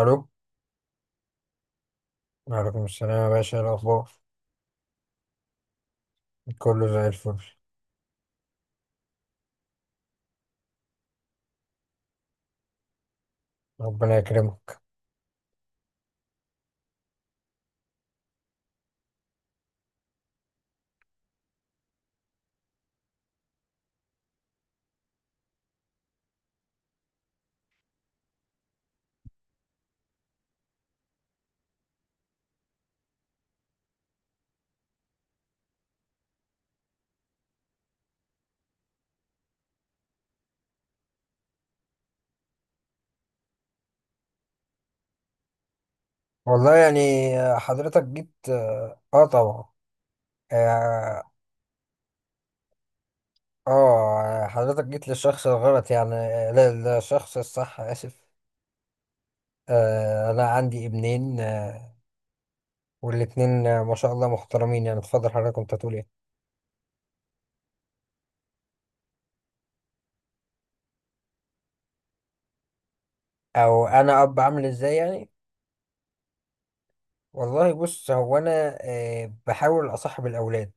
ألو. وعليكم السلام يا باشا، إيه الأخبار؟ كله زي الفل. ربنا يكرمك. والله يعني، حضرتك جيت طبعا. اه. حضرتك جيت للشخص الغلط يعني، لا، للشخص الصح، آسف. أنا عندي ابنين. والاتنين، ما شاء الله، محترمين. يعني اتفضل حضرتك، كنت هتقول إيه؟ أو أنا أب عامل إزاي يعني؟ والله بص، هو أنا بحاول أصاحب الأولاد.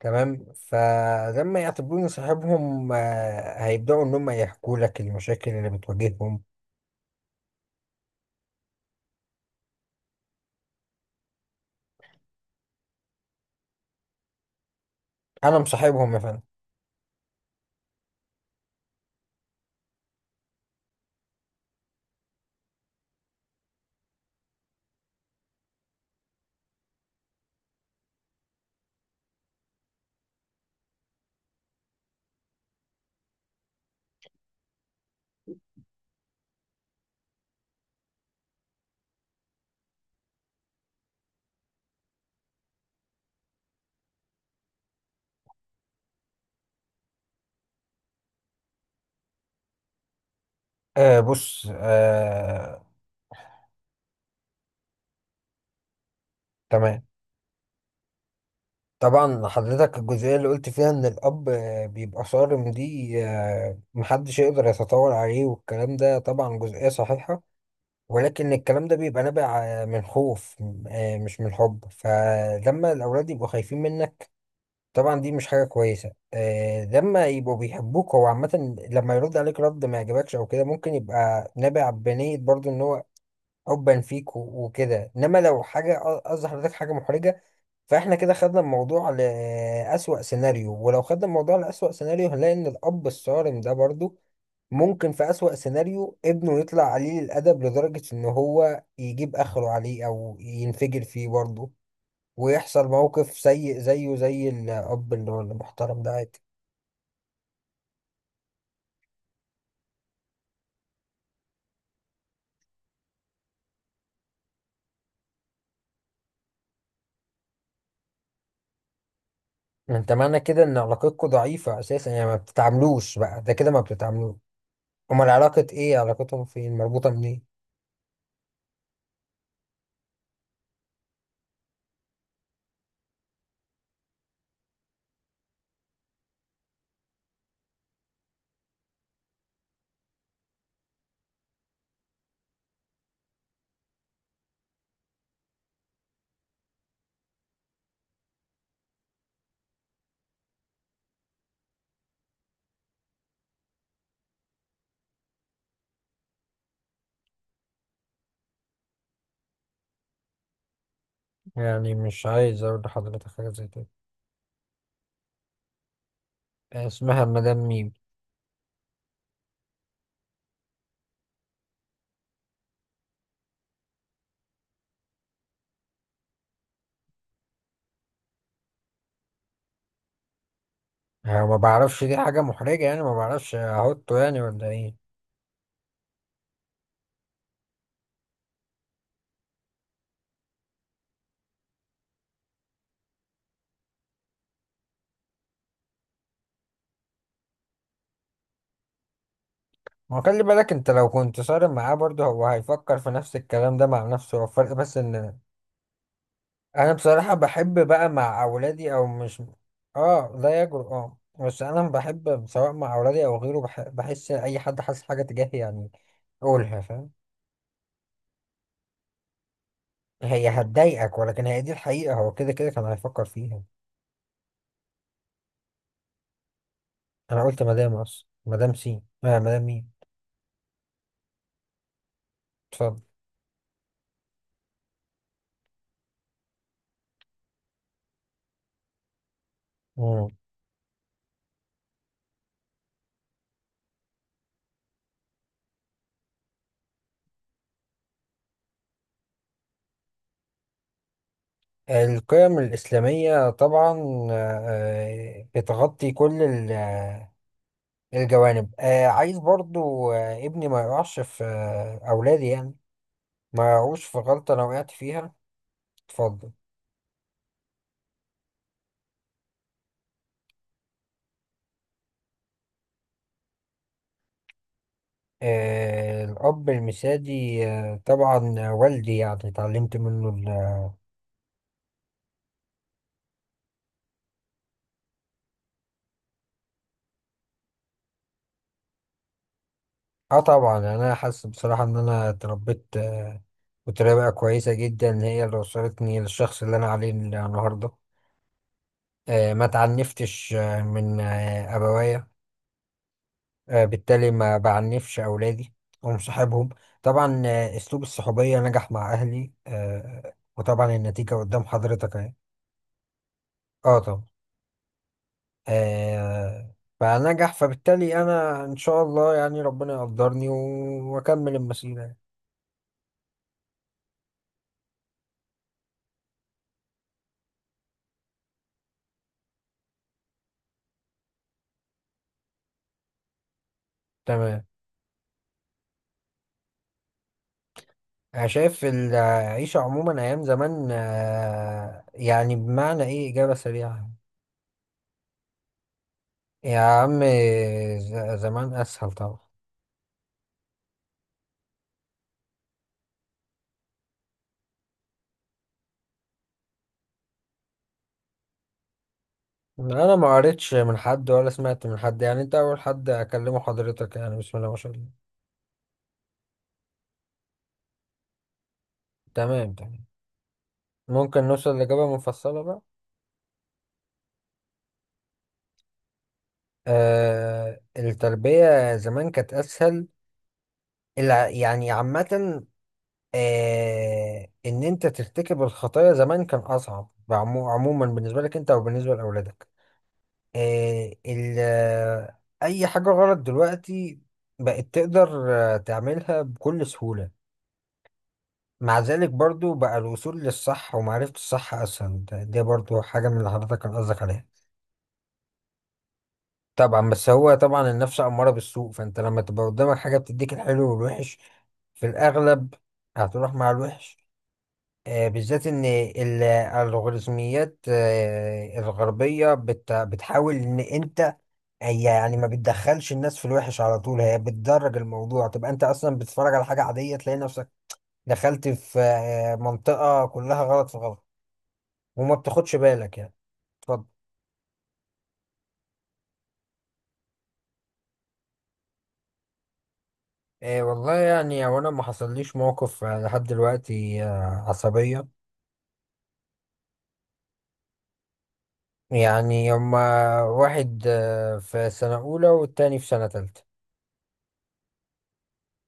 تمام. فلما يعتبروني صاحبهم، هيبدأوا إن هم يحكوا لك المشاكل اللي بتواجههم. أنا مصاحبهم يا فندم. بص. تمام. طبعا حضرتك الجزئية اللي قلت فيها إن الأب بيبقى صارم دي، محدش يقدر يتطاول عليه، والكلام ده طبعا جزئية صحيحة. ولكن الكلام ده بيبقى نابع من خوف، مش من حب. فلما الأولاد يبقوا خايفين منك، طبعا دي مش حاجة كويسة. لما يبقوا بيحبوك، هو عامة لما يرد عليك رد ما يعجبكش أو كده، ممكن يبقى نابع بنية برضو، إن هو حبا فيك و- وكده. إنما لو حاجة قصدي حضرتك حاجة محرجة، فإحنا كده خدنا الموضوع لأسوأ سيناريو، ولو خدنا الموضوع لأسوأ سيناريو، هنلاقي إن الأب الصارم ده برضو ممكن في أسوأ سيناريو ابنه يطلع قليل الأدب لدرجة إن هو يجيب آخره عليه أو ينفجر فيه برضو، ويحصل موقف سيء زيه زي الأب اللي هو المحترم ده عادي. انت معنى كده ان علاقتكم ضعيفة اساسا، يعني ما بتتعاملوش بقى، ده كده ما بتتعاملوش. امال علاقة ايه؟ علاقتهم فين مربوطة منين؟ يعني مش عايز اقول لحضرتك حاجة زي كده، اسمها مدام ميم. أنا ما بعرفش، دي حاجة محرجة يعني، ما بعرفش احطه يعني، ولا ايه؟ ما خلي بالك انت لو كنت صارم معاه برضه، هو هيفكر في نفس الكلام ده مع نفسه. هو الفرق بس ان انا بصراحة بحب بقى مع اولادي او مش اه، لا يجرؤ. اه، بس انا بحب سواء مع اولادي او غيره، بحس اي حد حاسس حاجة تجاهي، يعني قولها، فاهم. هي هتضايقك، ولكن هي دي الحقيقة. هو كده كده كان هيفكر فيها. انا قلت مدام اصلا، مدام سي، مدام مين. اتفضل. مم. القيم الإسلامية طبعا، بتغطي كل الجوانب. عايز برضو ابني ما يقعش في أولادي يعني ما وقعوش في غلطة لو وقعت فيها. اتفضل. الأب المثالي، طبعا والدي، يعني اتعلمت منه. اه طبعا، أنا حاسس بصراحة إن أنا اتربيت بطريقة كويسة جدا هي اللي وصلتني للشخص اللي أنا عليه النهاردة. ما تعنفتش من أبوايا، بالتالي ما بعنفش أولادي، ومصاحبهم. طبعا، أسلوب الصحوبية نجح مع أهلي، وطبعا النتيجة قدام حضرتك أهي. اه طبعا. آه فنجح، فبالتالي انا ان شاء الله يعني ربنا يقدرني و- واكمل المسيرة. تمام. انا شايف العيشة عموما ايام زمان، يعني بمعنى ايه اجابة سريعة؟ يا عم، زمان اسهل طبعا. انا ما قريتش من حد، ولا سمعت من حد يعني، انت اول حد اكلمه حضرتك، يعني بسم الله ما شاء الله. تمام تمام. ممكن نوصل لإجابة مفصلة بقى؟ التربية زمان كانت اسهل. يعني عامة، إن أنت ترتكب الخطايا زمان كان أصعب، عموما بالنسبة لك أنت أو بالنسبة لأولادك. أي حاجة غلط دلوقتي بقت تقدر تعملها بكل سهولة. مع ذلك برضو بقى الوصول للصح ومعرفة الصح أسهل. ده برضو حاجة من اللي حضرتك كان قصدك عليها. طبعا، بس هو طبعا النفس أمارة بالسوء، فأنت لما تبقى قدامك حاجة بتديك الحلو والوحش، في الأغلب هتروح مع الوحش. بالذات إن الخوارزميات الغربية بتحاول إن أنت هي، يعني ما بتدخلش الناس في الوحش على طول، هي بتدرج الموضوع، تبقى أنت أصلا بتتفرج على حاجة عادية، تلاقي نفسك دخلت في منطقة كلها غلط في غلط، وما بتاخدش بالك يعني. اتفضل. والله يعني هو أنا ما حصليش موقف لحد دلوقتي عصبية. يعني هما واحد في سنة أولى، والتاني في سنة تالتة.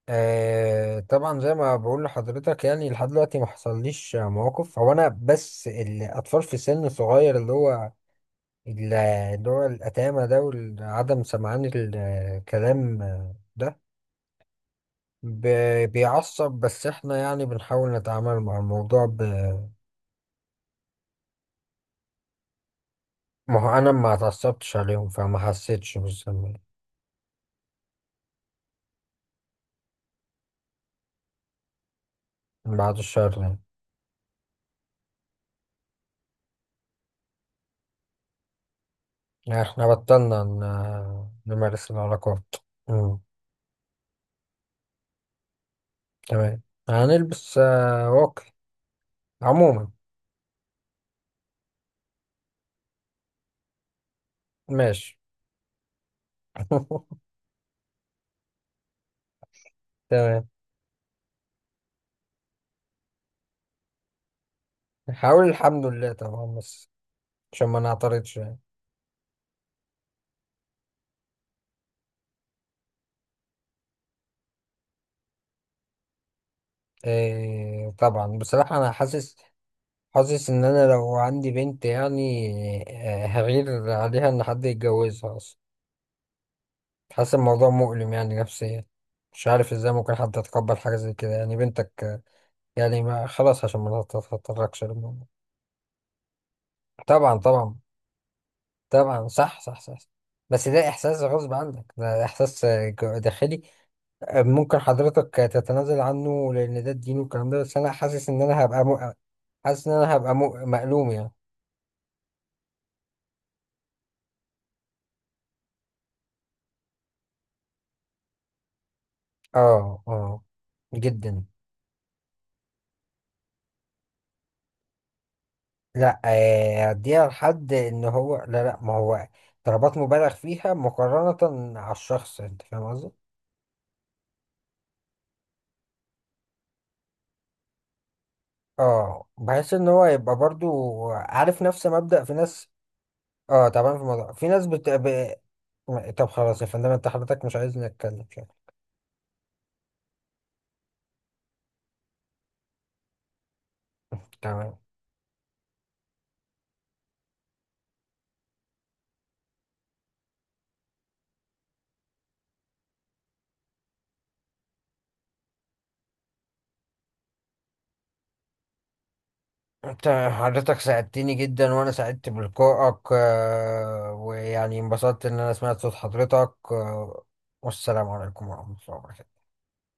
طبعا زي ما بقول لحضرتك، يعني لحد دلوقتي ما حصليش مواقف. هو انا بس الاطفال في سن صغير، اللي هو اللي هو الاتامه ده وعدم سمعان الكلام ده ب- بيعصب. بس احنا يعني بنحاول نتعامل مع الموضوع. ما هو انا ما اتعصبتش عليهم، فما حسيتش بالذنب. من بعد الشر يعني. يعني احنا بطلنا نمارس العلاقات. مم. تمام. هنلبس واقي عموما. ماشي. تمام. هقول الحمد لله طبعا، بس عشان ما نعترضش يعني. إيه، طبعا بصراحة أنا حاسس، حاسس إن أنا لو عندي بنت يعني، هغير عليها إن حد يتجوزها أصلا. حاسس الموضوع مؤلم يعني نفسيا، مش عارف إزاي ممكن حد يتقبل حاجة زي كده، يعني بنتك، يعني ما خلاص عشان ما تتطرقش للموضوع. طبعا طبعا. طبعا صح صح صح. بس ده إحساس غصب عنك، ده إحساس داخلي. ممكن حضرتك تتنازل عنه لان ده الدين والكلام ده، بس انا حاسس ان انا هبقى مؤ... حاسس ان انا هبقى مألوم يعني. اه اه. جدا. لا اديها لحد ان هو، لا لا، ما هو ضربات مبالغ فيها مقارنة على الشخص، انت فاهم قصدي. اه، بحس ان هو يبقى برضو عارف، نفس مبدأ في ناس. اه طبعا في موضوع، في ناس. طب خلاص يا فندم، انت حضرتك مش عايزني اتكلم شكلك. تمام. انت حضرتك ساعدتني جدا، وانا سعدت بلقائك، ويعني انبسطت ان انا سمعت صوت حضرتك. والسلام عليكم ورحمة الله وبركاته.